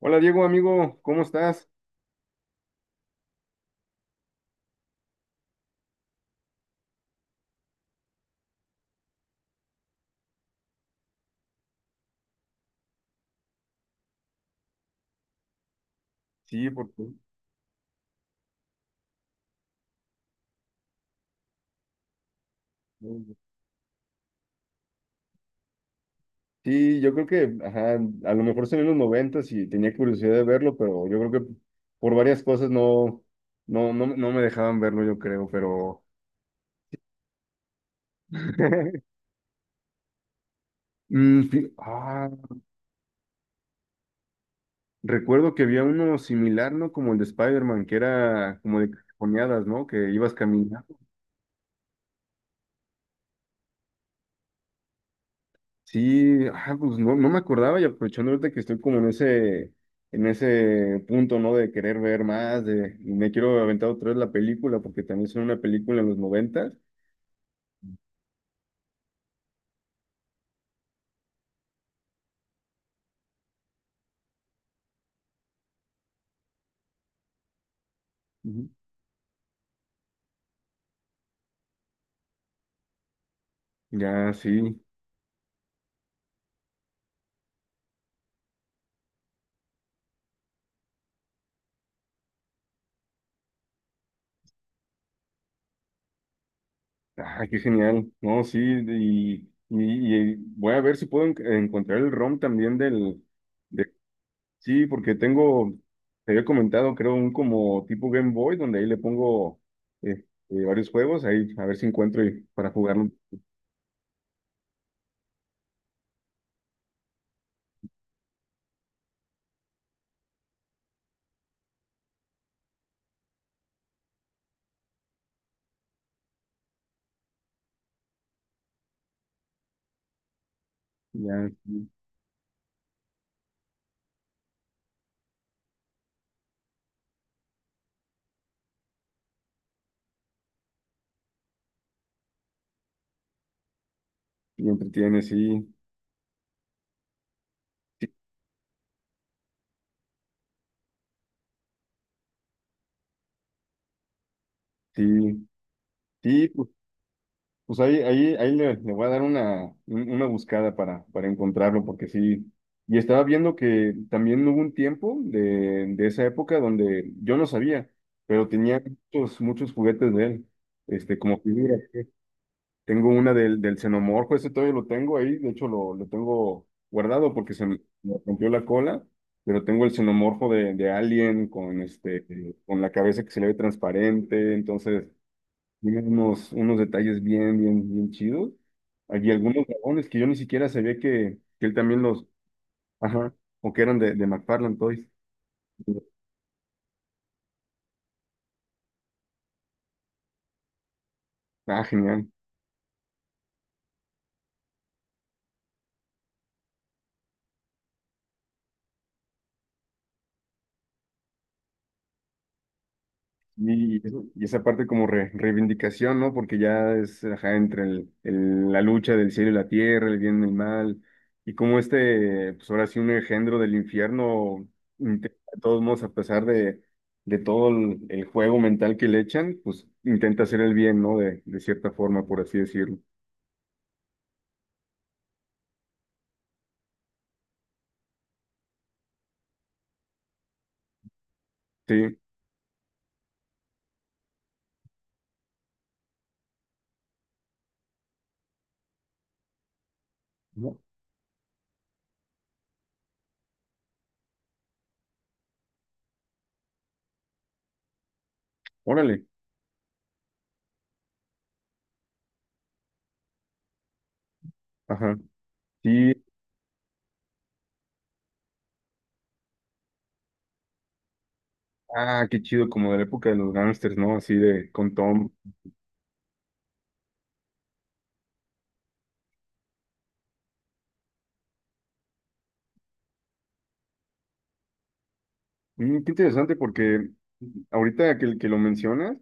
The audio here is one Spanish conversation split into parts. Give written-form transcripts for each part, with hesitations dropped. Hola Diego, amigo, ¿cómo estás? Sí, porque sí, yo creo que, ajá, a lo mejor salió en los noventas y tenía curiosidad de verlo, pero yo creo que por varias cosas no, no, no, me dejaban verlo, yo creo, pero Mm, fí- ah, recuerdo que había uno similar, ¿no? Como el de Spider-Man, que era como de cajoneadas, ¿no? Que ibas caminando. Sí, pues no, no me acordaba y aprovechando ahorita que estoy como en ese punto, ¿no? De querer ver más, de y me quiero aventar otra vez la película, porque también son una película en los noventas. Ujú. Ya, sí. Ah, qué genial. No, sí, y voy a ver si puedo encontrar el ROM también del, de, sí, porque tengo, te había comentado, creo, un como tipo Game Boy, donde ahí le pongo eh, varios juegos, ahí a ver si encuentro y, para jugarlo. Ya, sí. Y entretiene, sí, sí, sí, sí, pu- pues ahí, ahí, ahí le, le voy a dar una, una buscada para encontrarlo, porque sí. Y estaba viendo que también hubo un tiempo de esa época donde yo no sabía, pero tenía muchos, muchos juguetes de él, este, como figuras. Tengo una del, del xenomorfo, ese todavía lo tengo ahí, de hecho lo tengo guardado porque se me rompió la cola, pero tengo el xenomorfo de Alien con, este, con la cabeza que se le ve transparente, entonces... Tiene unos, unos detalles bien, bien, bien chidos. Hay algunos dragones que yo ni siquiera sabía que él también los, ajá, o que eran de McFarlane Toys. Ah, genial. Y esa parte como reivindicación, ¿no? Porque ya es, ajá, entre el, la lucha del cielo y la tierra, el bien y el mal, y como este, pues ahora sí, un engendro del infierno, intenta de todos modos, a pesar de todo el juego mental que le echan, pues intenta hacer el bien, ¿no? De cierta forma, por así decirlo. Sí, ¿no? Órale, ajá, sí, ah, qué chido, como de la época de los gangsters, ¿no? Así de, con Tom. Qué interesante, porque ahorita que lo mencionas,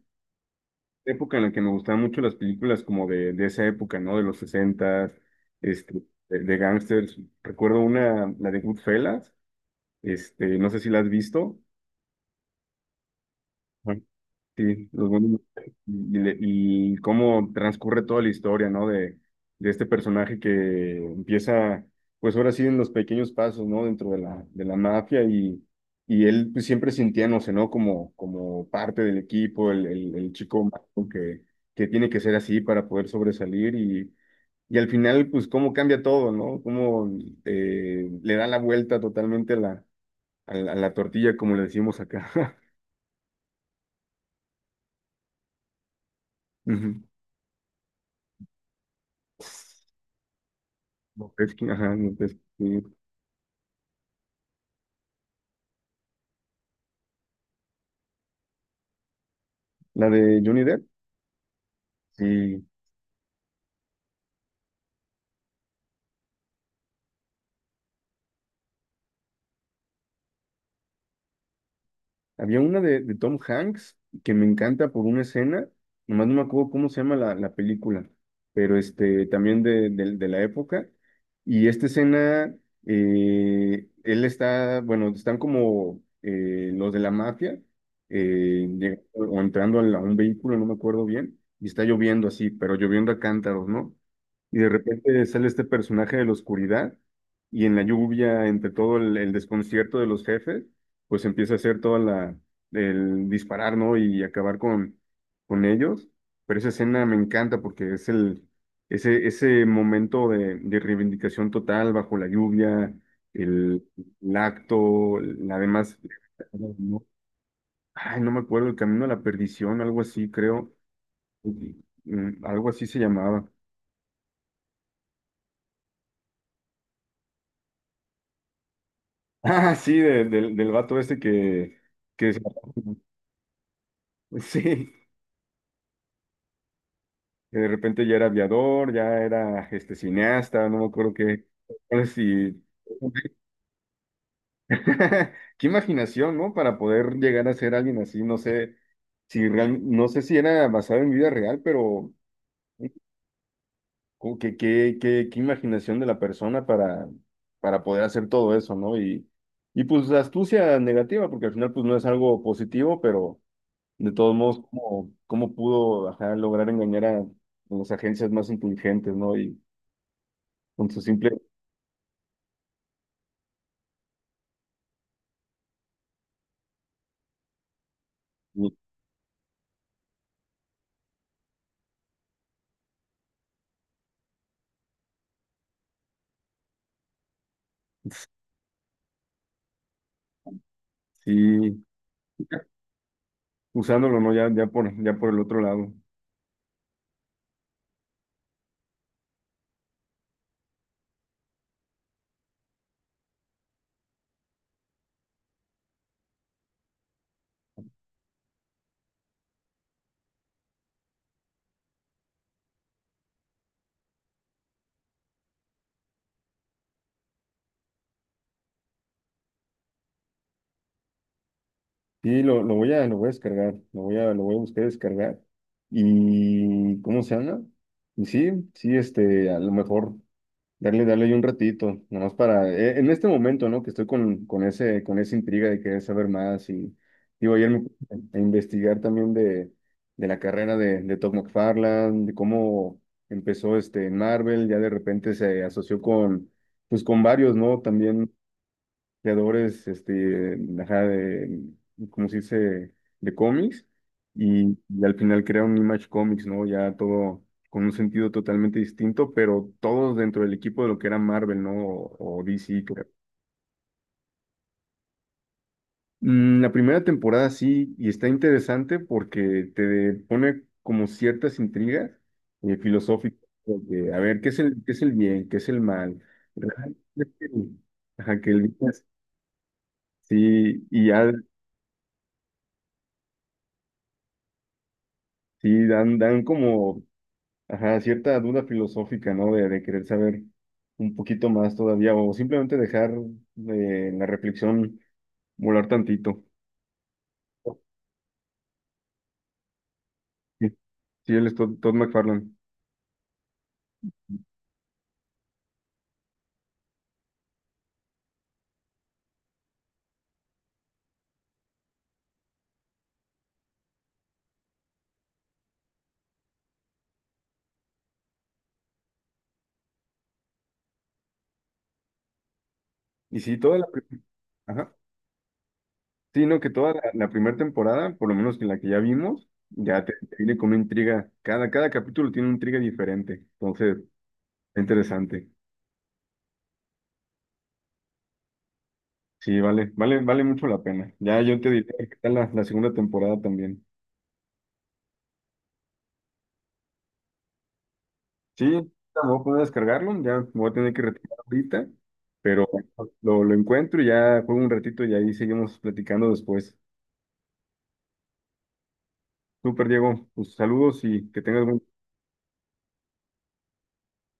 época en la que me gustaban mucho las películas como de esa época, ¿no? De los sesentas, este, de gangsters. Recuerdo una, la de Goodfellas, este, no sé si la has visto. Sí, y, y cómo transcurre toda la historia, ¿no? De este personaje que empieza, pues ahora sí, en los pequeños pasos, ¿no? Dentro de la mafia y él pues, siempre sintiéndose, ¿no? Como, como parte del equipo, el chico malo que tiene que ser así para poder sobresalir y al final, pues cómo cambia todo, ¿no? Cómo le da la vuelta totalmente a la, a la, a la tortilla, como le decimos acá. Ujú. Montesquieu, ajá, Montesquieu. La de Johnny Depp, sí. Había una de Tom Hanks que me encanta por una escena, nomás no me acuerdo cómo se llama la, la película, pero este, también de, de la época. Y esta escena, él está, bueno, están como los de la mafia, llegando o entrando a, a un vehículo, no me acuerdo bien, y está lloviendo así, pero lloviendo a cántaros, ¿no? Y de repente sale este personaje de la oscuridad y en la lluvia, entre todo el desconcierto de los jefes pues empieza a hacer toda la, el disparar, ¿no? Y acabar con ellos. Pero esa escena me encanta porque es el, ese momento de reivindicación total bajo la lluvia, el, el acto, la demás, no, ay, no me acuerdo, el camino a la perdición, algo así, creo. Algo así se llamaba. Ah, sí, del vato este que, que se- sí, que de repente ya era aviador, ya era este cineasta, no me acuerdo qué. No sé si- Qué imaginación, ¿no? Para poder llegar a ser alguien así, no sé no sé si era basado en vida real, pero como que qué, qué, qué imaginación de la persona para poder hacer todo eso, ¿no? Y pues astucia negativa, porque al final pues no es algo positivo, pero de todos modos, ¿cómo, cómo pudo ajá, lograr engañar a las agencias más inteligentes, ¿no? Y con su simple Y- sí, usándolo, ¿no? Ya, ya por, ya por el otro lado. Sí, lo voy a descargar, lo voy a buscar descargar. ¿Y cómo se llama? Y sí, sí, este, a lo mejor. Darle, darle ahí un ratito, nomás para, en este momento, ¿no? Que estoy con ese, con esa intriga de querer saber más y digo, ayer me puse a investigar también de la carrera de Todd McFarlane, de cómo empezó este en Marvel, ya de repente se asoció con, pues con varios, ¿no? También creadores, este, ajá, de, como se dice, de cómics, y al final crea un Image Comics, ¿no? Ya todo con un sentido totalmente distinto, pero todos dentro del equipo de lo que era Marvel, ¿no? O DC, creo. La primera temporada sí, y está interesante porque te pone como ciertas intrigas filosóficas, de, a ver, qué es el bien, qué es el mal? Realmente, ajá, que el bien es- sí, y ya sí, dan, dan como, ajá, cierta duda filosófica, ¿no? De querer saber un poquito más todavía, o simplemente dejar la reflexión volar tantito. Sí, sí, él es Todd, Todd McFarlane. Y sí, ajá, sí, no, que toda la, la primera temporada, por lo menos que la que ya vimos, ya te viene con una intriga. Cada, cada capítulo tiene una intriga diferente. Entonces, es interesante. Sí, vale, vale, vale mucho la pena. Ya yo te diré qué tal la, la segunda temporada también. Sí, me voy a poner a descargarlo, ya me voy a tener que retirar ahorita, pero lo encuentro y ya juego un ratito y ahí seguimos platicando después. Súper, Diego, pues saludos y que tengas buen